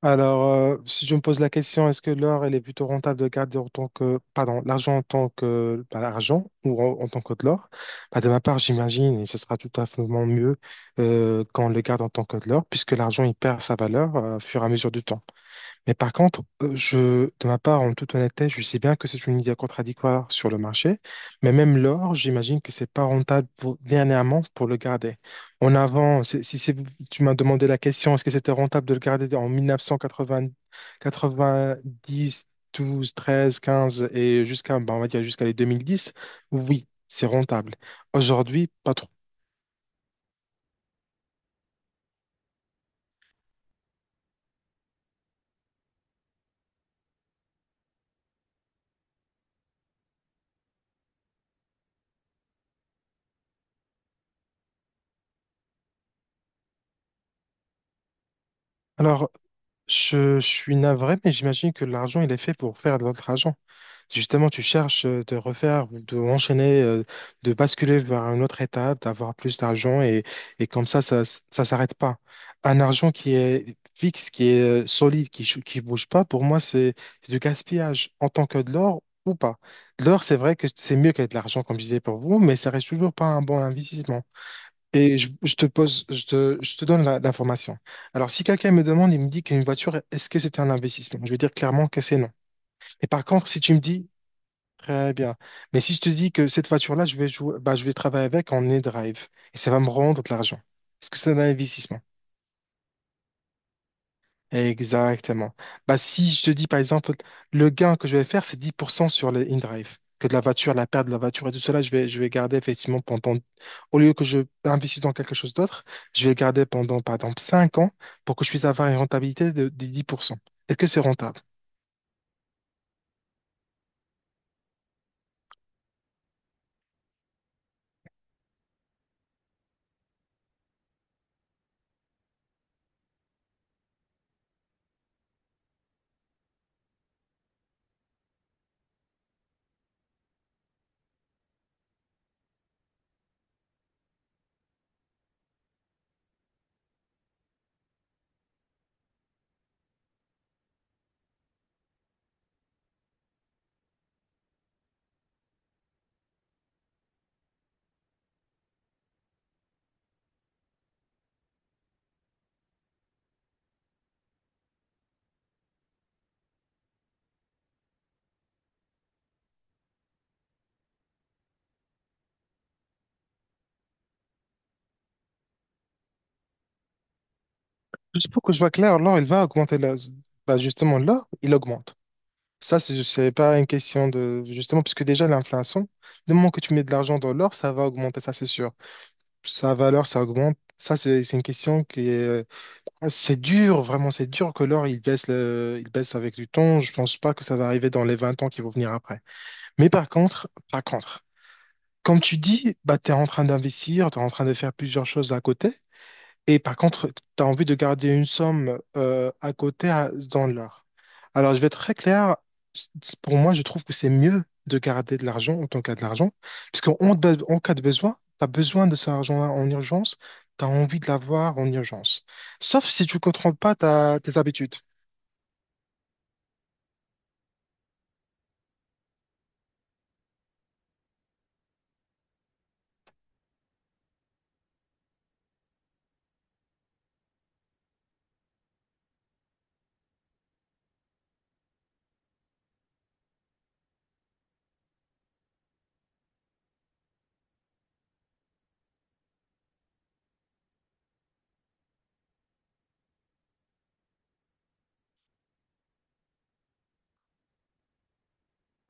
Alors, si je me pose la question, est-ce que l'or, elle est plutôt rentable de garder en tant que, pardon, l'argent en tant que, pas l'argent ou en tant que de l'or? Bah, de ma part, j'imagine, et ce sera tout à fait mieux quand on le garde en tant que de l'or, puisque l'argent, il perd sa valeur au fur et à mesure du temps. Mais par contre, de ma part, en toute honnêteté, je sais bien que c'est une idée contradictoire sur le marché, mais même l'or, j'imagine que c'est pas rentable pour, dernièrement pour le garder. En avant, c'est- si c'est- tu m'as demandé la question, est-ce que c'était rentable de le garder en 1980, 90, 12, 13, 15 et jusqu'à, bah, on va dire jusqu'à les 2010, oui, c'est rentable. Aujourd'hui, pas trop. Alors, je suis navré, mais j'imagine que l'argent, il est fait pour faire de l'autre argent. Justement, tu cherches de refaire, ou de enchaîner, de basculer vers une autre étape, d'avoir plus d'argent et comme ça ne s'arrête pas. Un argent qui est fixe, qui est solide, qui bouge pas, pour moi, c'est du gaspillage en tant que de l'or ou pas. De l'or, c'est vrai que c'est mieux qu'être de l'argent, comme je disais pour vous, mais ça reste toujours pas un bon investissement. Et je te pose, je te donne l'information. Alors, si quelqu'un me demande, il me dit qu'une voiture, est-ce que c'est un investissement? Je vais dire clairement que c'est non. Et par contre, si tu me dis, très bien. Mais si je te dis que cette voiture-là, je vais jouer, bah, je vais travailler avec en e-drive et ça va me rendre de l'argent. Est-ce que c'est un investissement? Exactement. Bah, si je te dis, par exemple, le gain que je vais faire, c'est 10% sur le in-drive. Que de la voiture, la perte de la voiture et tout cela, je vais garder effectivement pendant, au lieu que je investisse dans quelque chose d'autre, je vais le garder pendant, par exemple, 5 ans pour que je puisse avoir une rentabilité de, des 10%. Est-ce que c'est rentable? Juste pour que je vois clair, l'or, il va augmenter, bah, justement, l'or, il augmente. Ça, c'est pas une question de... Justement, puisque déjà, l'inflation, le moment que tu mets de l'argent dans l'or, ça va augmenter, ça c'est sûr. Sa valeur, ça augmente. Ça, c'est une question qui est... C'est dur, vraiment, c'est dur que l'or, il baisse, il baisse avec du temps. Je pense pas que ça va arriver dans les 20 ans qui vont venir après. Mais par contre, comme tu dis, bah, tu es en train d'investir, tu es en train de faire plusieurs choses à côté. Et par contre, tu as envie de garder une somme à côté dans l'art. Alors, je vais être très clair. Pour moi, je trouve que c'est mieux de garder de l'argent en tant qu'à de l'argent. Parce qu'en en cas de besoin, tu as besoin de cet argent-là en urgence. Tu as envie de l'avoir en urgence. Sauf si tu ne contrôles pas tes habitudes.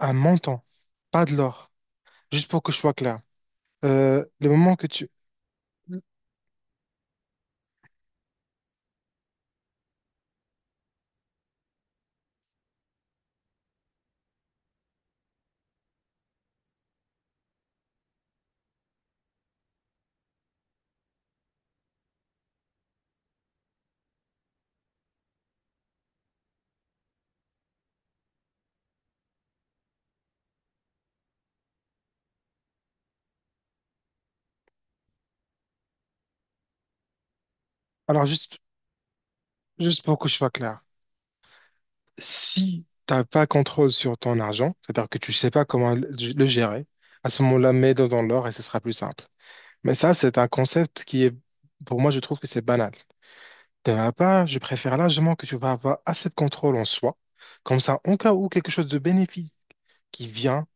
Un montant, pas de l'or. Juste pour que je sois clair. Le moment que tu... Alors, juste pour que je sois clair. Si tu n'as pas contrôle sur ton argent, c'est-à-dire que tu ne sais pas comment le gérer, à ce moment-là, mets-le dans l'or et ce sera plus simple. Mais ça, c'est un concept qui est, pour moi, je trouve que c'est banal. De ma part, je préfère largement que tu vas avoir assez de contrôle en soi. Comme ça, en cas où quelque chose de bénéfique qui vient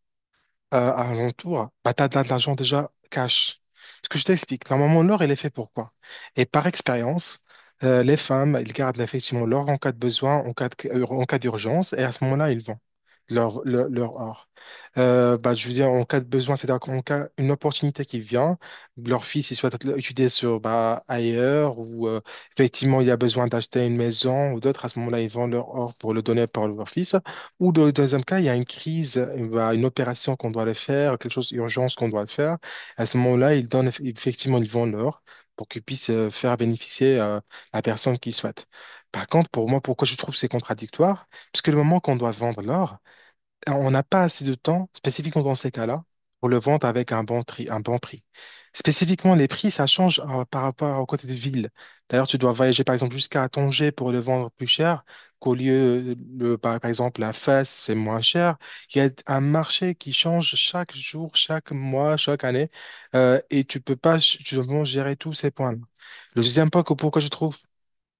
à l'entour, bah, tu as de l'argent déjà cash. Ce que je t'explique, normalement, l'or, il est fait pour quoi? Et par expérience, les femmes, elles gardent effectivement l'or en cas de besoin, en cas d'urgence, et à ce moment-là, ils vendent leur art. Bah, je veux dire, en cas de besoin, c'est-à-dire qu'en cas une opportunité qui vient, leur fils, il souhaite étudier sur, bah, ailleurs ou effectivement, il y a besoin d'acheter une maison ou d'autres, à ce moment-là, ils vendent leur or pour le donner par leur fils. Ou dans le deuxième cas, il y a une crise, bah, une opération qu'on doit le faire, quelque chose d'urgence qu'on doit le faire. À ce moment-là, ils donnent, effectivement, ils vendent l'or pour qu'ils puissent faire bénéficier la personne qu'ils souhaitent. Par contre, pour moi, pourquoi je trouve que c'est contradictoire? Parce que le moment qu'on doit vendre l'or, on n'a pas assez de temps, spécifiquement dans ces cas-là, pour le vendre avec un bon prix. Spécifiquement, les prix, ça change par rapport au côté de ville. D'ailleurs, tu dois voyager, par exemple, jusqu'à Tanger pour le vendre plus cher, qu'au lieu, par exemple, la Fès, c'est moins cher. Il y a un marché qui change chaque jour, chaque mois, chaque année, et tu peux pas ch- tu dois gérer tous ces points-là. Le deuxième point, que- pourquoi je trouve...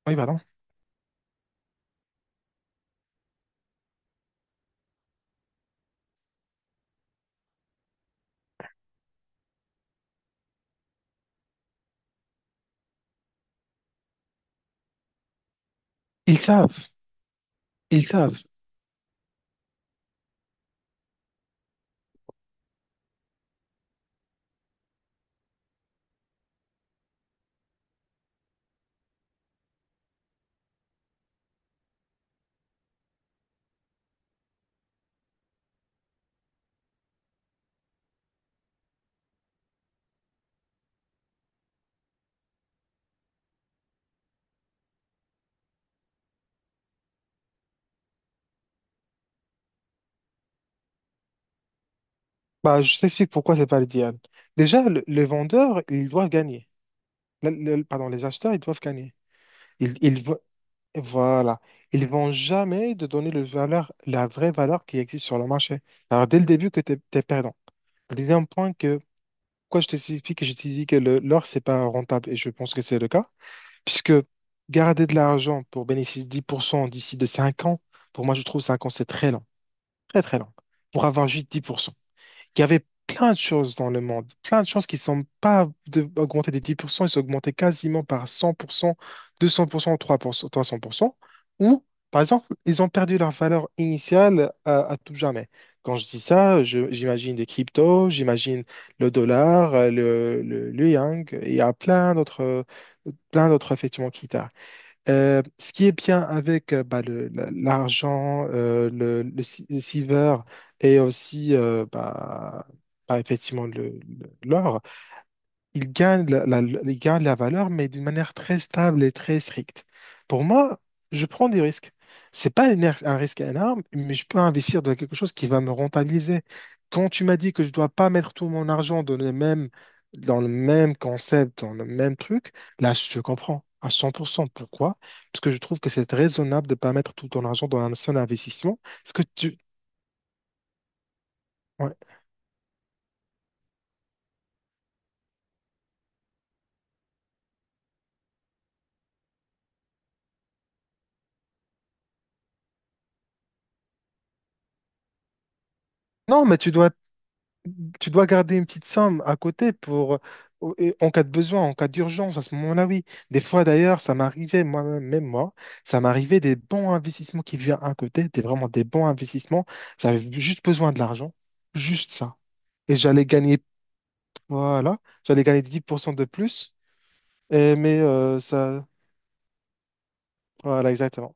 Oui, pardon. Ils savent. Ils savent. Bah, je t'explique pourquoi c'est pas l'idéal. Déjà, les vendeurs, ils doivent gagner. Le- Pardon, les acheteurs, ils doivent gagner. Ils, ils, vo- voilà. Ils vont jamais te donner le valeur, la vraie valeur qui existe sur le marché. Alors, dès le début, que tu es, perdant. Le deuxième point que, pourquoi je t'explique que je te dis que l'or, c'est pas rentable, et je pense que c'est le cas, puisque garder de l'argent pour bénéficier de 10% d'ici de 5 ans, pour moi, je trouve 5 ans, c'est très lent. Très, très lent. Pour avoir juste 10%. Il y avait plein de choses dans le monde, plein de choses qui ne sont pas augmentées de 10%, ils sont augmentés quasiment par 100%, 200%, 3%, 300%, ou par exemple, ils ont perdu leur valeur initiale à tout jamais. Quand je dis ça, j'imagine des cryptos, j'imagine le dollar, le yang, et il y a plein d'autres effectivement qui tardent. Ce qui est bien avec l'argent, le, si- le silver et aussi effectivement l'or, il gagne la valeur, mais d'une manière très stable et très stricte. Pour moi, je prends des risques. C'est pas un risque énorme, mais je peux investir dans quelque chose qui va me rentabiliser. Quand tu m'as dit que je dois pas mettre tout mon argent dans le même concept, dans le même truc, là, je te comprends à 100%. Pourquoi? Parce que je trouve que c'est raisonnable de pas mettre tout ton argent dans un seul investissement. Parce que tu... ouais. Non, mais tu dois garder une petite somme à côté pour, et en cas de besoin, en cas d'urgence, à ce moment-là, oui. Des fois, d'ailleurs, ça m'arrivait, moi-même, même moi, ça m'arrivait des bons investissements qui viennent à côté, des vraiment des bons investissements. J'avais juste besoin de l'argent, juste ça. Et j'allais gagner, voilà, j'allais gagner 10% de plus. Mais ça, voilà, exactement.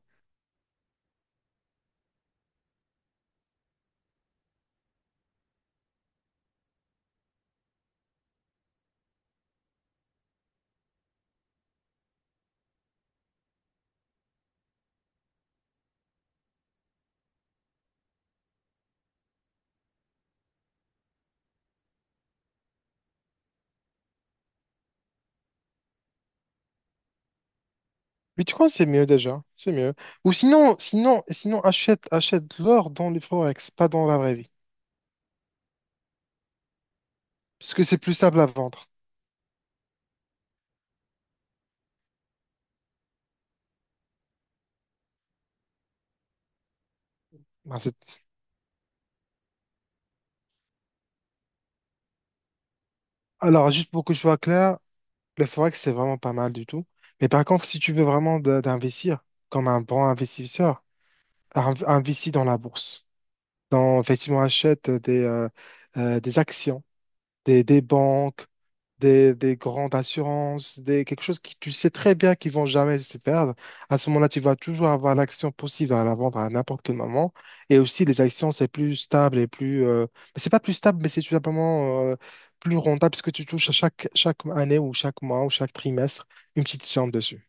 Mais tu crois que c'est mieux déjà, c'est mieux. Ou sinon achète de l'or dans les forex, pas dans la vraie vie. Parce que c'est plus simple à vendre. Ben, c'est Alors, juste pour que je sois clair, le forex, c'est vraiment pas mal du tout. Mais par contre, si tu veux vraiment d'investir comme un bon investisseur, investis dans la bourse. Dans, effectivement, achète des actions des banques, des grandes assurances, des, quelque chose qui tu sais très bien qu'ils vont jamais se perdre. À ce moment-là, tu vas toujours avoir l'action possible à la vendre à n'importe quel moment. Et aussi, les actions, c'est plus stable et plus... Mais c'est pas plus stable, mais c'est tout simplement plus rentable parce que tu touches à chaque année ou chaque mois ou chaque trimestre une petite somme dessus.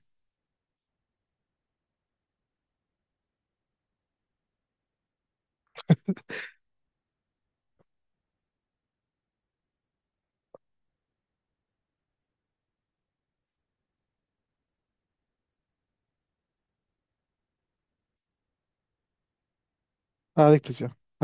Ah, avec plaisir.